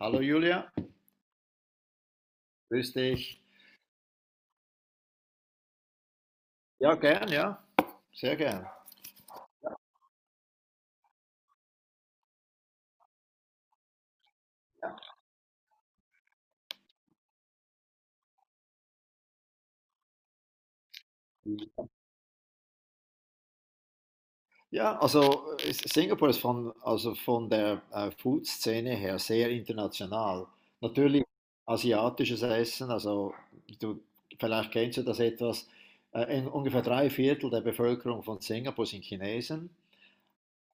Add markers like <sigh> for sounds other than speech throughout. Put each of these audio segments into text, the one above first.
Hallo Julia, grüß dich. Ja, gern, ja, sehr gern. Ja, also Singapur ist von, also von der Food-Szene her sehr international. Natürlich asiatisches Essen, also du, vielleicht kennst du das etwas. In ungefähr drei Viertel der Bevölkerung von Singapur sind Chinesen,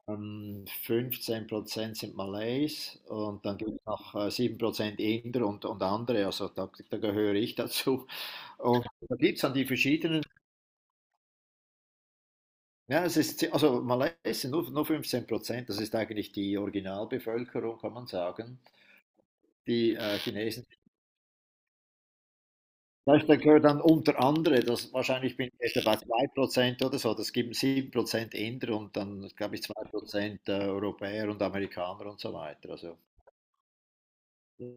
15% sind Malays und dann gibt es noch 7% Inder und andere, also da gehöre ich dazu. Und da gibt es dann die verschiedenen. Ja, es ist, also Malaysia nur 15%, das ist eigentlich die Originalbevölkerung, kann man sagen, die Chinesen. Vielleicht da gehört dann unter andere, das, wahrscheinlich bin ich jetzt bei 2% oder so, das gibt 7% Inder und dann, glaube ich, 2% Europäer und Amerikaner und so weiter. Also,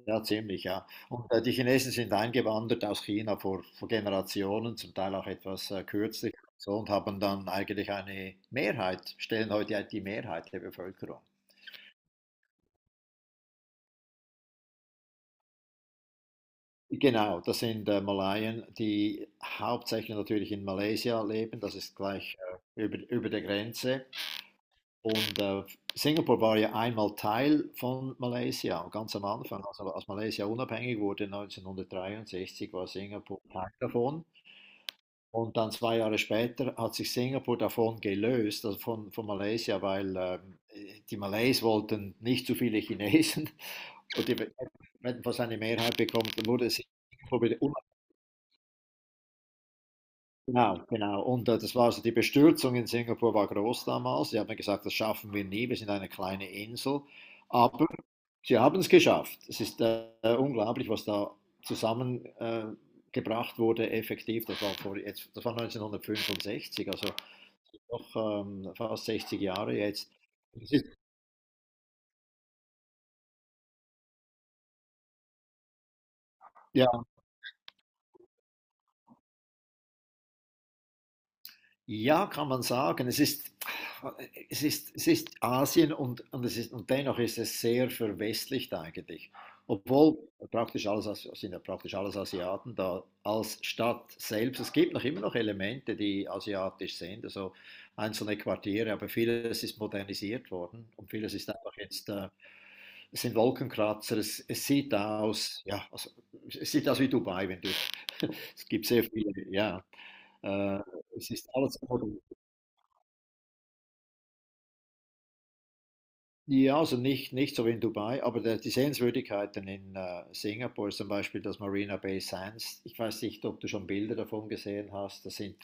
ja, ziemlich, ja. Und die Chinesen sind eingewandert aus China vor Generationen, zum Teil auch etwas kürzlich, so, und haben dann eigentlich eine Mehrheit, stellen heute die Mehrheit der Bevölkerung. Genau, das sind Malaien, die hauptsächlich natürlich in Malaysia leben. Das ist gleich über der Grenze. Und Singapur war ja einmal Teil von Malaysia, ganz am Anfang. Also als Malaysia unabhängig wurde 1963, war Singapur Teil davon. Und dann 2 Jahre später hat sich Singapur davon gelöst, also von Malaysia, weil die Malays wollten nicht zu viele Chinesen <laughs> und die hätten fast eine Mehrheit bekommen. Dann wurde Singapur wieder. Genau, genau. Und das war also die Bestürzung in Singapur war groß damals. Sie haben gesagt, das schaffen wir nie, wir sind eine kleine Insel. Aber sie haben es geschafft. Es ist unglaublich, was da zusammengebracht äh, gebracht wurde, effektiv. Das war, vor, jetzt, das war 1965, also noch fast 60 Jahre jetzt. Es ist, ja. Ja, kann man sagen. Es ist Asien es ist, und dennoch ist es sehr verwestlicht eigentlich. Obwohl praktisch alles, sind ja praktisch alles Asiaten da als Stadt selbst. Es gibt noch immer noch Elemente, die asiatisch sind, also einzelne Quartiere, aber vieles ist modernisiert worden und vieles ist einfach jetzt, es sind Wolkenkratzer, es sieht aus, ja, also, es sieht aus wie Dubai, wenn du, es gibt sehr viele, ja, äh, es ist alles modern. Ja, also nicht so wie in Dubai, aber die Sehenswürdigkeiten in Singapur, zum Beispiel das Marina Bay Sands, ich weiß nicht, ob du schon Bilder davon gesehen hast, das sind,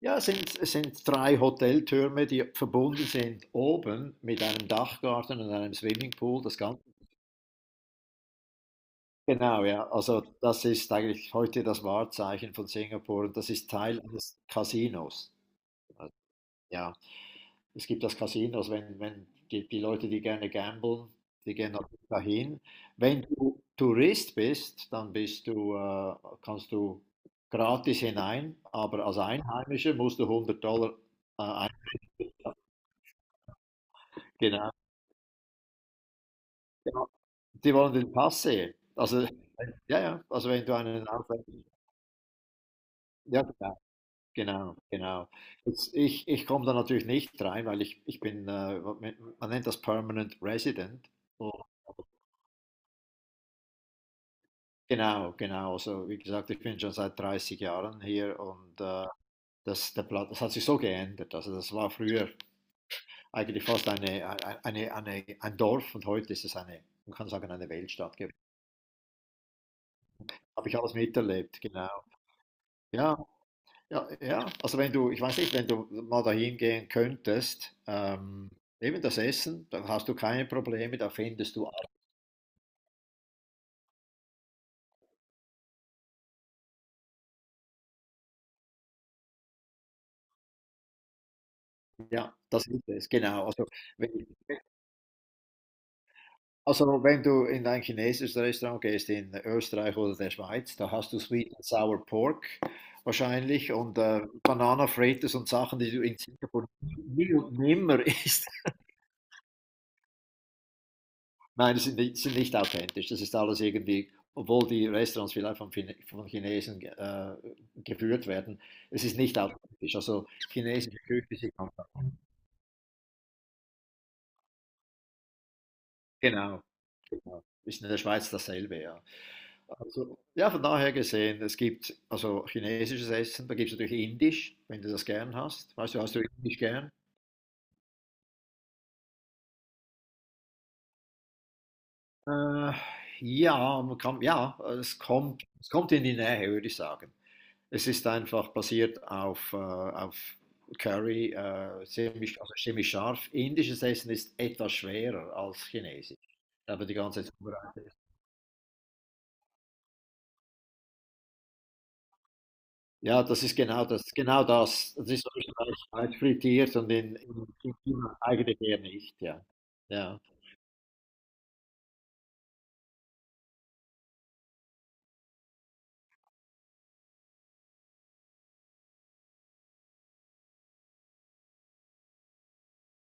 ja, es sind drei Hoteltürme, die verbunden sind oben mit einem Dachgarten und einem Swimmingpool, das Ganze. Genau, ja, also das ist eigentlich heute das Wahrzeichen von Singapur und das ist Teil eines Casinos. Also, ja. Es gibt das Casino, also wenn die Leute, die gerne gamblen, die gehen natürlich dahin. Wenn du Tourist bist, dann bist du, kannst du gratis hinein, aber als Einheimischer musst du $100 äh, ein- genau. Ja, die wollen den Pass sehen. Also, ja, ja, also wenn du einen ausländischen, ja, genau, genau, genau. Jetzt, ich komme da natürlich nicht rein, weil ich bin, man nennt das Permanent Resident. Genau, genau. Also wie gesagt, ich bin schon seit 30 Jahren hier und das, der Platz, das hat sich so geändert. Also das war früher eigentlich fast ein Dorf und heute ist es eine, man kann sagen, eine Weltstadt geworden. Habe ich alles miterlebt, genau. Ja, ja, ja. Also wenn du, ich weiß nicht, wenn du mal dahin gehen könntest, eben das Essen, dann hast du keine Probleme, da findest du alles. Ja, das ist es, genau. Also, wenn du in ein chinesisches Restaurant gehst in Österreich oder der Schweiz, da hast du Sweet and Sour Pork wahrscheinlich und Banana Fritters und Sachen, die du in Singapur nie und nimmer isst. <laughs> Nein, das sind nicht authentisch. Das ist alles irgendwie, obwohl die Restaurants vielleicht von, von Chinesen geführt werden, es ist nicht authentisch. Also, chinesische Küche, sie kommt davon. Genau, genau. Ist in der Schweiz dasselbe, ja. Also, ja, von daher gesehen, es gibt also chinesisches Essen, da gibt es natürlich Indisch, wenn du das gern hast. Weißt du, hast du Indisch gern? Äh, ja, man kann, ja, es kommt in die Nähe, würde ich sagen. Es ist einfach basiert auf Curry, ziemlich, also ziemlich scharf. Indisches Essen ist etwas schwerer als chinesisch. Aber die ganze Zubereitung. Ja, das ist genau das, genau das. Das ist Österreich weit frittiert und in China eigentlich eher nicht, ja. Ja,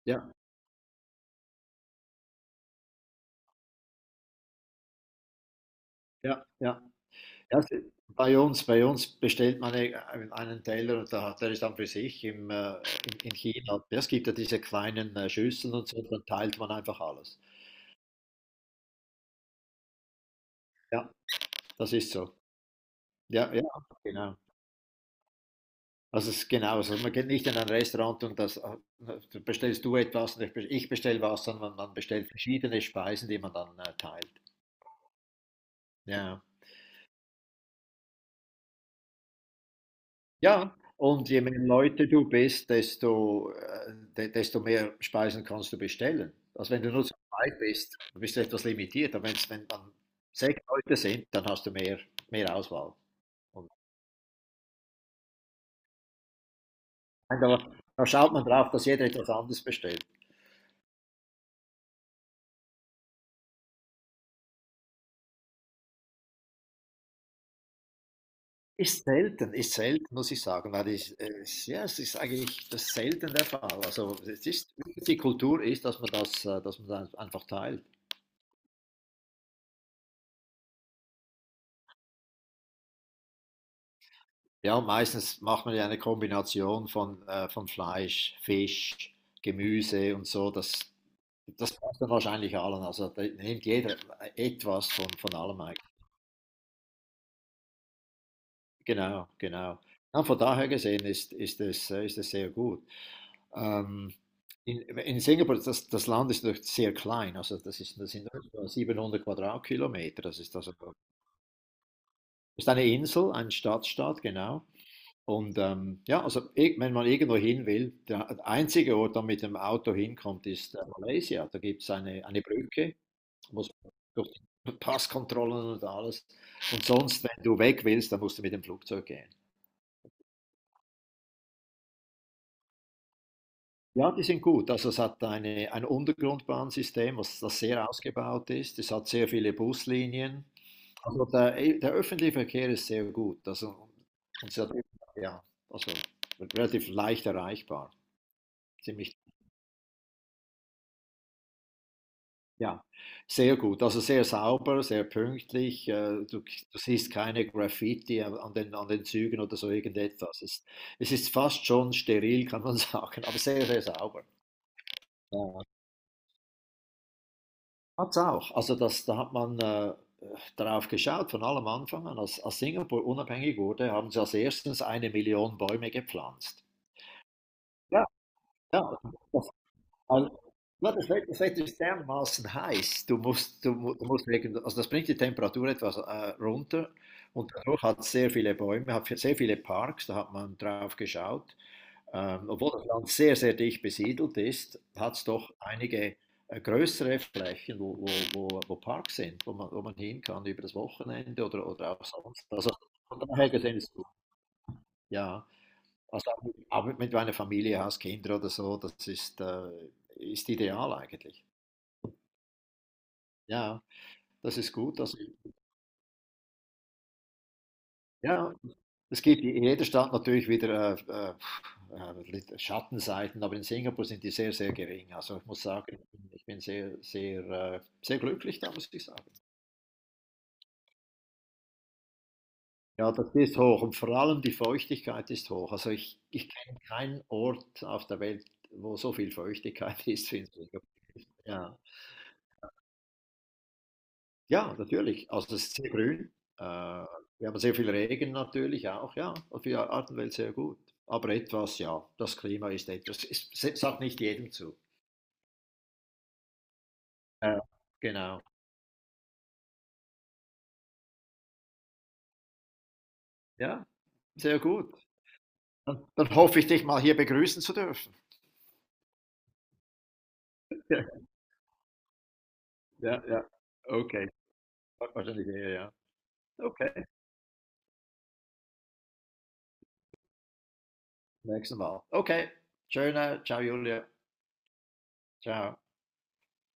ja, ja, ja. ja es- Bei uns, bei uns bestellt man einen Teller und da, der ist dann für sich im, in China. Ja, es gibt ja diese kleinen Schüsseln und so, dann teilt man einfach alles. Ja, das ist so. Ja, ja, genau. Also es ist genau so. Man geht nicht in ein Restaurant und das bestellst du etwas und ich bestelle was, sondern man bestellt verschiedene Speisen, die man dann teilt. Ja. Ja, und je mehr Leute du bist, desto, de desto mehr Speisen kannst du bestellen. Also wenn du nur zu zweit bist, dann bist du etwas limitiert. Aber wenn dann sechs Leute sind, dann hast du mehr, mehr Auswahl. Und da, da schaut man drauf, dass jeder etwas anderes bestellt. Ist selten, muss ich sagen, weil ich, ja, es ist eigentlich das ist selten der Fall. Also es ist, die Kultur ist, dass man das einfach teilt. Ja, meistens macht man ja eine Kombination von Fleisch, Fisch, Gemüse und so. Das passt dann wahrscheinlich allen. Also da nimmt jeder etwas von allem eigentlich. Genau, genau. Ja, von daher gesehen ist es sehr gut. Ähm, in Singapur, das Land ist doch sehr klein. Also das sind nur so 700 Quadratkilometer. Das ist, also ist eine Insel, ein Stadtstaat, genau. Und ja, also wenn man irgendwo hin will, der einzige Ort, der mit dem Auto hinkommt, ist Malaysia. Da gibt es eine Brücke, muss man durch die Passkontrollen und alles. Und sonst, wenn du weg willst, dann musst du mit dem Flugzeug gehen. Ja, die sind gut. Also es hat ein Untergrundbahnsystem, was das sehr ausgebaut ist. Es hat sehr viele Buslinien. Also der öffentliche Verkehr ist sehr gut. Also, und es hat, ja, also relativ leicht erreichbar. Ziemlich. Ja, sehr gut. Also sehr sauber, sehr pünktlich. Du, Du siehst keine Graffiti an den Zügen oder so irgendetwas. Es ist fast schon steril, kann man <laughs> sagen, aber sehr, sehr sauber. Ja. Hat's auch. Also da hat man darauf geschaut, von allem Anfang an. Als Singapur unabhängig wurde, haben sie als erstens eine Million Bäume gepflanzt. Ja. Ja, also, ja, das Wetter ist dermaßen heiß. Du musst wegen, also das bringt die Temperatur etwas runter und dadurch hat es sehr viele Bäume, hat sehr viele Parks, da hat man drauf geschaut. Obwohl das Land sehr, sehr dicht besiedelt ist, hat es doch einige größere Flächen, wo Parks sind, wo man hin kann über das Wochenende oder auch sonst. Also von daher gesehen ist es gut. Ja, also auch mit meiner Familie, hast Kinder oder so, ist ideal eigentlich. Ja, das ist gut. Also, ja, es gibt in jeder Stadt natürlich wieder Schattenseiten, aber in Singapur sind die sehr, sehr gering. Also ich muss sagen, ich bin sehr, sehr, sehr glücklich da, muss ich sagen. Ja, das ist hoch und vor allem die Feuchtigkeit ist hoch. Also ich kenne keinen Ort auf der Welt, wo so viel Feuchtigkeit <laughs> ist wie in Singapur. Ja. Ja, natürlich. Also es ist sehr grün. Wir haben sehr viel Regen natürlich auch, ja. Und für die Artenwelt sehr gut. Aber etwas, ja, das Klima ist etwas. Es sagt nicht jedem zu. Ja, genau. Ja, sehr gut. Dann hoffe ich, dich mal hier begrüßen zu dürfen. Ja, ja, ja. Okay. Wahrscheinlich eher, ja. Okay. Nächstes Mal. Okay. Schöner. Ciao, Julia. Ciao.